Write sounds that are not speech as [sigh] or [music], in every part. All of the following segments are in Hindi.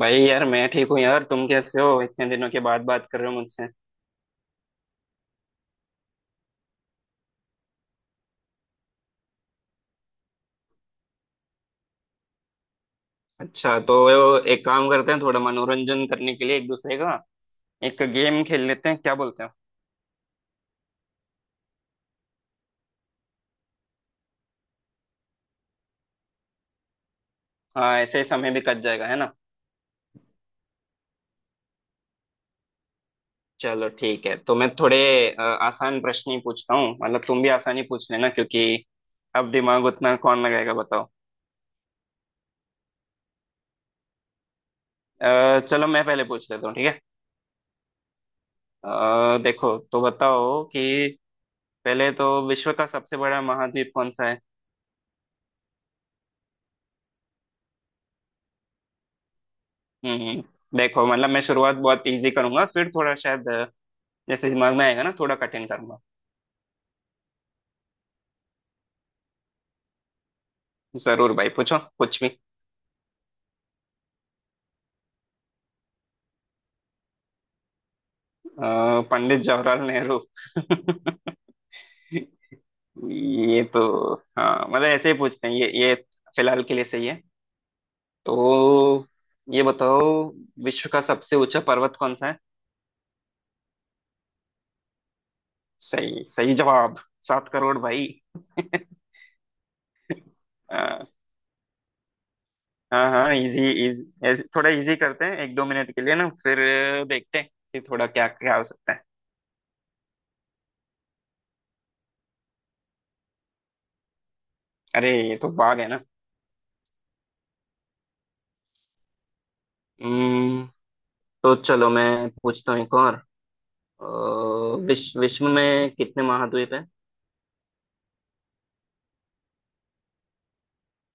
भाई यार मैं ठीक हूँ यार तुम कैसे हो इतने दिनों के बाद बात कर रहे हो मुझसे। अच्छा तो एक काम करते हैं थोड़ा मनोरंजन करने के लिए एक दूसरे का। एक गेम खेल लेते हैं क्या बोलते हो? हाँ ऐसे ही समय भी कट जाएगा है ना। चलो ठीक है तो मैं थोड़े आसान प्रश्न ही पूछता हूँ मतलब तुम भी आसान ही पूछ लेना क्योंकि अब दिमाग उतना कौन लगाएगा बताओ। चलो मैं पहले पूछ लेता हूँ ठीक है। देखो तो बताओ कि पहले तो विश्व का सबसे बड़ा महाद्वीप कौन सा है? हम्म। देखो मतलब मैं शुरुआत बहुत इजी करूंगा फिर थोड़ा शायद जैसे दिमाग में आएगा ना थोड़ा कठिन करूंगा। जरूर भाई पूछो कुछ भी। पंडित जवाहरलाल नेहरू। [laughs] ये तो, हाँ मतलब ऐसे ही पूछते हैं ये फिलहाल के लिए सही है। तो ये बताओ, विश्व का सबसे ऊंचा पर्वत कौन सा है? सही सही जवाब। 7 करोड़ भाई। [laughs] हाँ हाँ हाँ, इजी इजी ऐसे थोड़ा इजी करते हैं एक दो मिनट के लिए ना, फिर देखते हैं कि थोड़ा क्या क्या हो सकता है। अरे ये तो बाघ है ना। हम्म, तो चलो मैं पूछता हूँ एक और। अ, विश्व विश्व में कितने महाद्वीप हैं?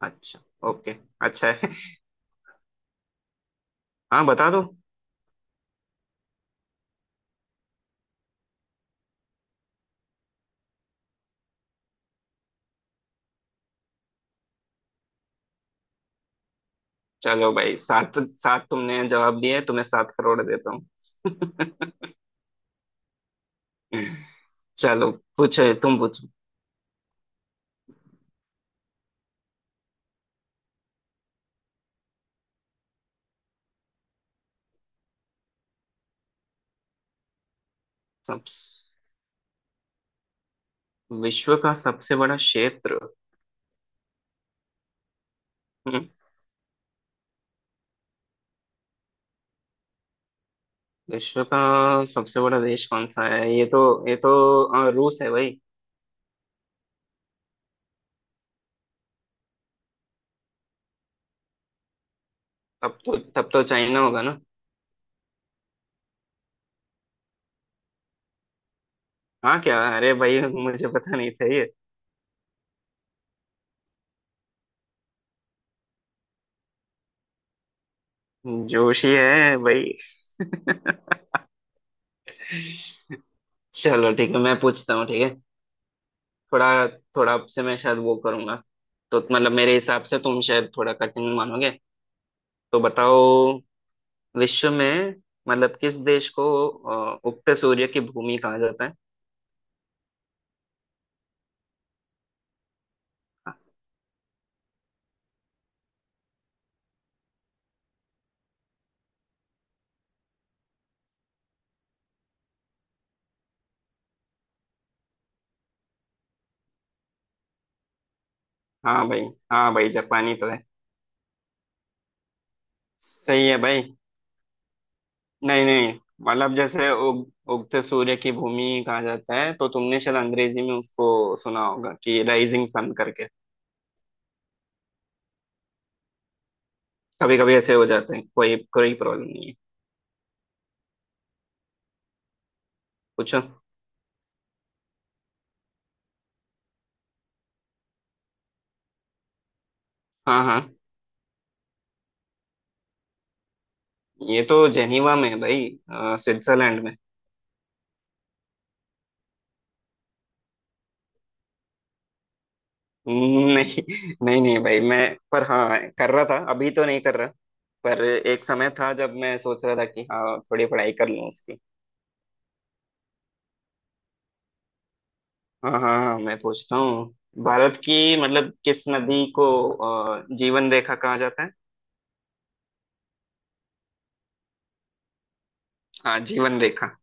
अच्छा। ओके। अच्छा है। [laughs] हाँ बता दो। चलो भाई, सात सात तुमने जवाब दिए, तुम्हें 7 करोड़ देता हूँ। [laughs] चलो, पूछो तुम पूछो। सब। विश्व का सबसे बड़ा क्षेत्र। हम्म, विश्व का सबसे बड़ा देश कौन सा है, ये तो रूस है भाई। तब तो चाइना होगा। हाँ क्या, अरे भाई मुझे पता नहीं था ये। जोशी है भाई। [laughs] चलो ठीक है मैं पूछता हूँ ठीक है। थोड़ा थोड़ा आपसे मैं शायद वो करूंगा। तो मतलब मेरे हिसाब से तुम शायद थोड़ा कठिन मानोगे। तो बताओ, विश्व में मतलब किस देश को उगते सूर्य की भूमि कहा जाता है? हाँ भाई। हाँ भाई जापानी तो है। सही है भाई। नहीं नहीं। मतलब जैसे उगते सूर्य की भूमि कहा जाता है तो तुमने शायद अंग्रेजी में उसको सुना होगा कि राइजिंग सन करके। कभी कभी ऐसे हो जाते हैं, कोई कोई प्रॉब्लम नहीं है। पूछो। हाँ हाँ। ये तो जेनीवा में है भाई, स्विट्जरलैंड में। [laughs] नहीं नहीं नहीं भाई मैं। पर हाँ कर रहा था, अभी तो नहीं कर रहा। पर एक समय था जब मैं सोच रहा था कि हाँ थोड़ी पढ़ाई कर लूँ उसकी। हाँ हाँ हाँ, मैं पूछता हूँ। भारत की मतलब किस नदी को जीवन रेखा कहा जाता है? हाँ जीवन रेखा।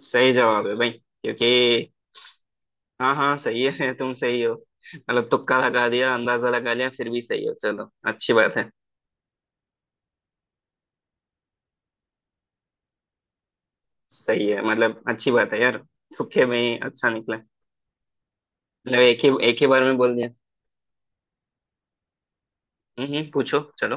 सही जवाब है भाई, क्योंकि हाँ हाँ सही है। [laughs] तुम सही हो। मतलब तुक्का लगा दिया, अंदाजा लगा लिया फिर भी सही हो, चलो अच्छी बात है। सही है, मतलब अच्छी बात है यार। तुक्के में ही अच्छा निकला। मतलब एक ही बार में बोल दिया। पूछो चलो।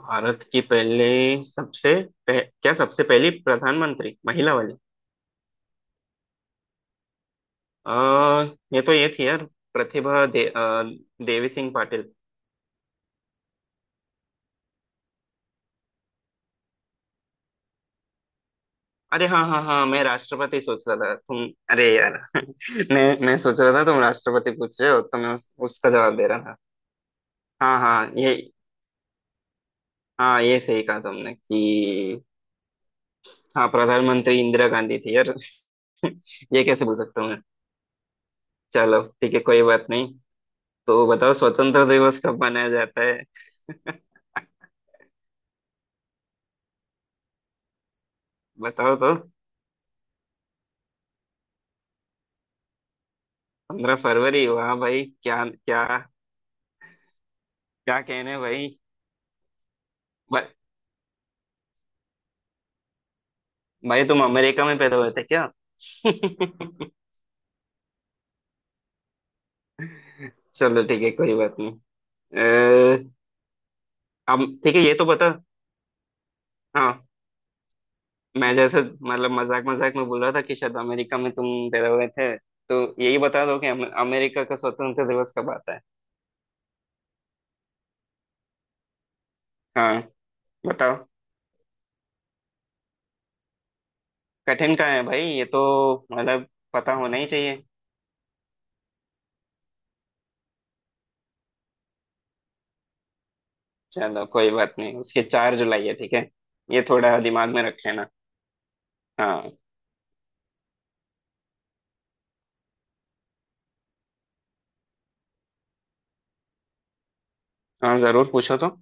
भारत की पहले, सबसे क्या सबसे पहली प्रधानमंत्री, महिला वाली। आ, ये तो, ये थी यार। प्रतिभा दे, अ, देवी सिंह पाटिल। अरे हाँ हाँ हाँ, मैं राष्ट्रपति सोच रहा था तुम। अरे यार। [laughs] मैं सोच रहा था तुम राष्ट्रपति पूछ रहे हो तो मैं उसका जवाब दे रहा था। हाँ हाँ ये। हाँ ये सही कहा तुमने कि हाँ, प्रधानमंत्री इंदिरा गांधी थी यार। [laughs] ये कैसे भूल सकता हूँ मैं। चलो ठीक है कोई बात नहीं। तो बताओ, स्वतंत्र दिवस कब मनाया जाता है? बताओ तो। 15 फरवरी, वाह भाई क्या क्या। क्या कहने भाई। भा- भाई तुम अमेरिका में पैदा हुए थे क्या? [laughs] चलो ठीक है कोई बात नहीं। अब ठीक है ये तो बता। हाँ। मैं जैसे मतलब मजाक मजाक में बोल रहा था कि शायद अमेरिका में तुम पैदा हुए थे, तो यही बता दो कि अमेरिका का स्वतंत्रता दिवस कब आता है? हाँ। बताओ। कठिन का है भाई ये तो, मतलब पता होना ही चाहिए। चलो कोई बात नहीं, उसके 4 जुलाई है ठीक है। ये थोड़ा दिमाग में रख लेना। हाँ हाँ जरूर पूछो तो।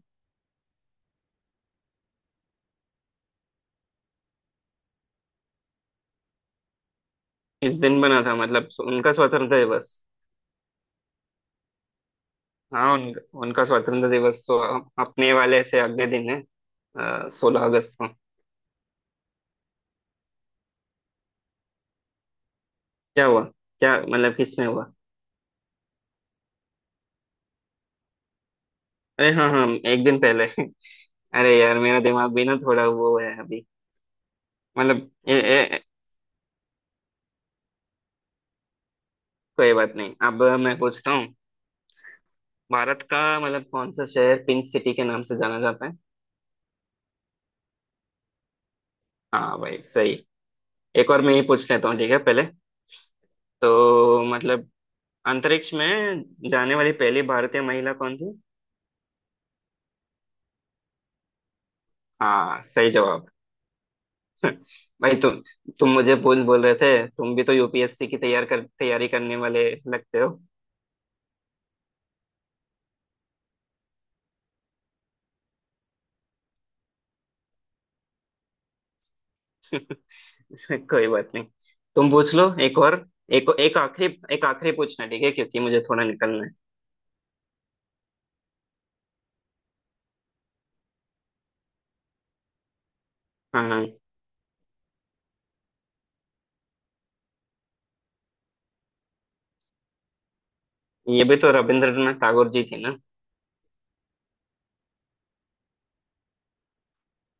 इस दिन बना था मतलब उनका स्वतंत्रता दिवस। हाँ उनका स्वतंत्रता दिवस तो अपने वाले से अगले दिन है, 16 अगस्त। क्या हुआ? क्या मतलब किस में हुआ? अरे हाँ हाँ, एक दिन पहले। [laughs] अरे यार मेरा दिमाग भी ना थोड़ा वो है अभी। मतलब ए, ए, कोई बात नहीं, अब मैं पूछता हूँ। भारत का मतलब कौन सा शहर पिंक सिटी के नाम से जाना जाता है? हाँ भाई सही। एक और मैं ही पूछ लेता हूँ ठीक है पहले। तो मतलब, अंतरिक्ष में जाने वाली पहली भारतीय महिला कौन थी? हाँ सही जवाब। भाई तुम मुझे बोल बोल रहे थे, तुम भी तो यूपीएससी की तैयारी करने वाले लगते हो। [laughs] कोई बात नहीं, तुम पूछ लो एक और। एक एक आखिरी पूछना ठीक है, क्योंकि मुझे थोड़ा निकलना है। हाँ हाँ। ये भी तो रविंद्रनाथ टैगोर जी थे ना।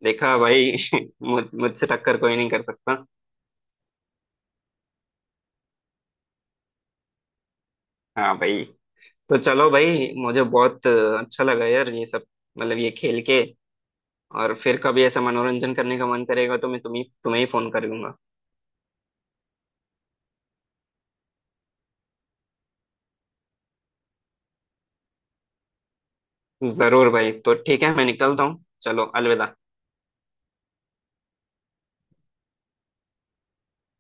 देखा भाई। [laughs] मुझसे टक्कर कोई नहीं कर सकता। हाँ भाई। तो चलो भाई, मुझे बहुत अच्छा लगा यार ये सब, मतलब ये खेल के। और फिर कभी ऐसा मनोरंजन करने का मन करेगा तो मैं तुम्हें तुम्हें ही फोन कर लूंगा। जरूर भाई, तो ठीक है मैं निकलता हूँ, चलो अलविदा।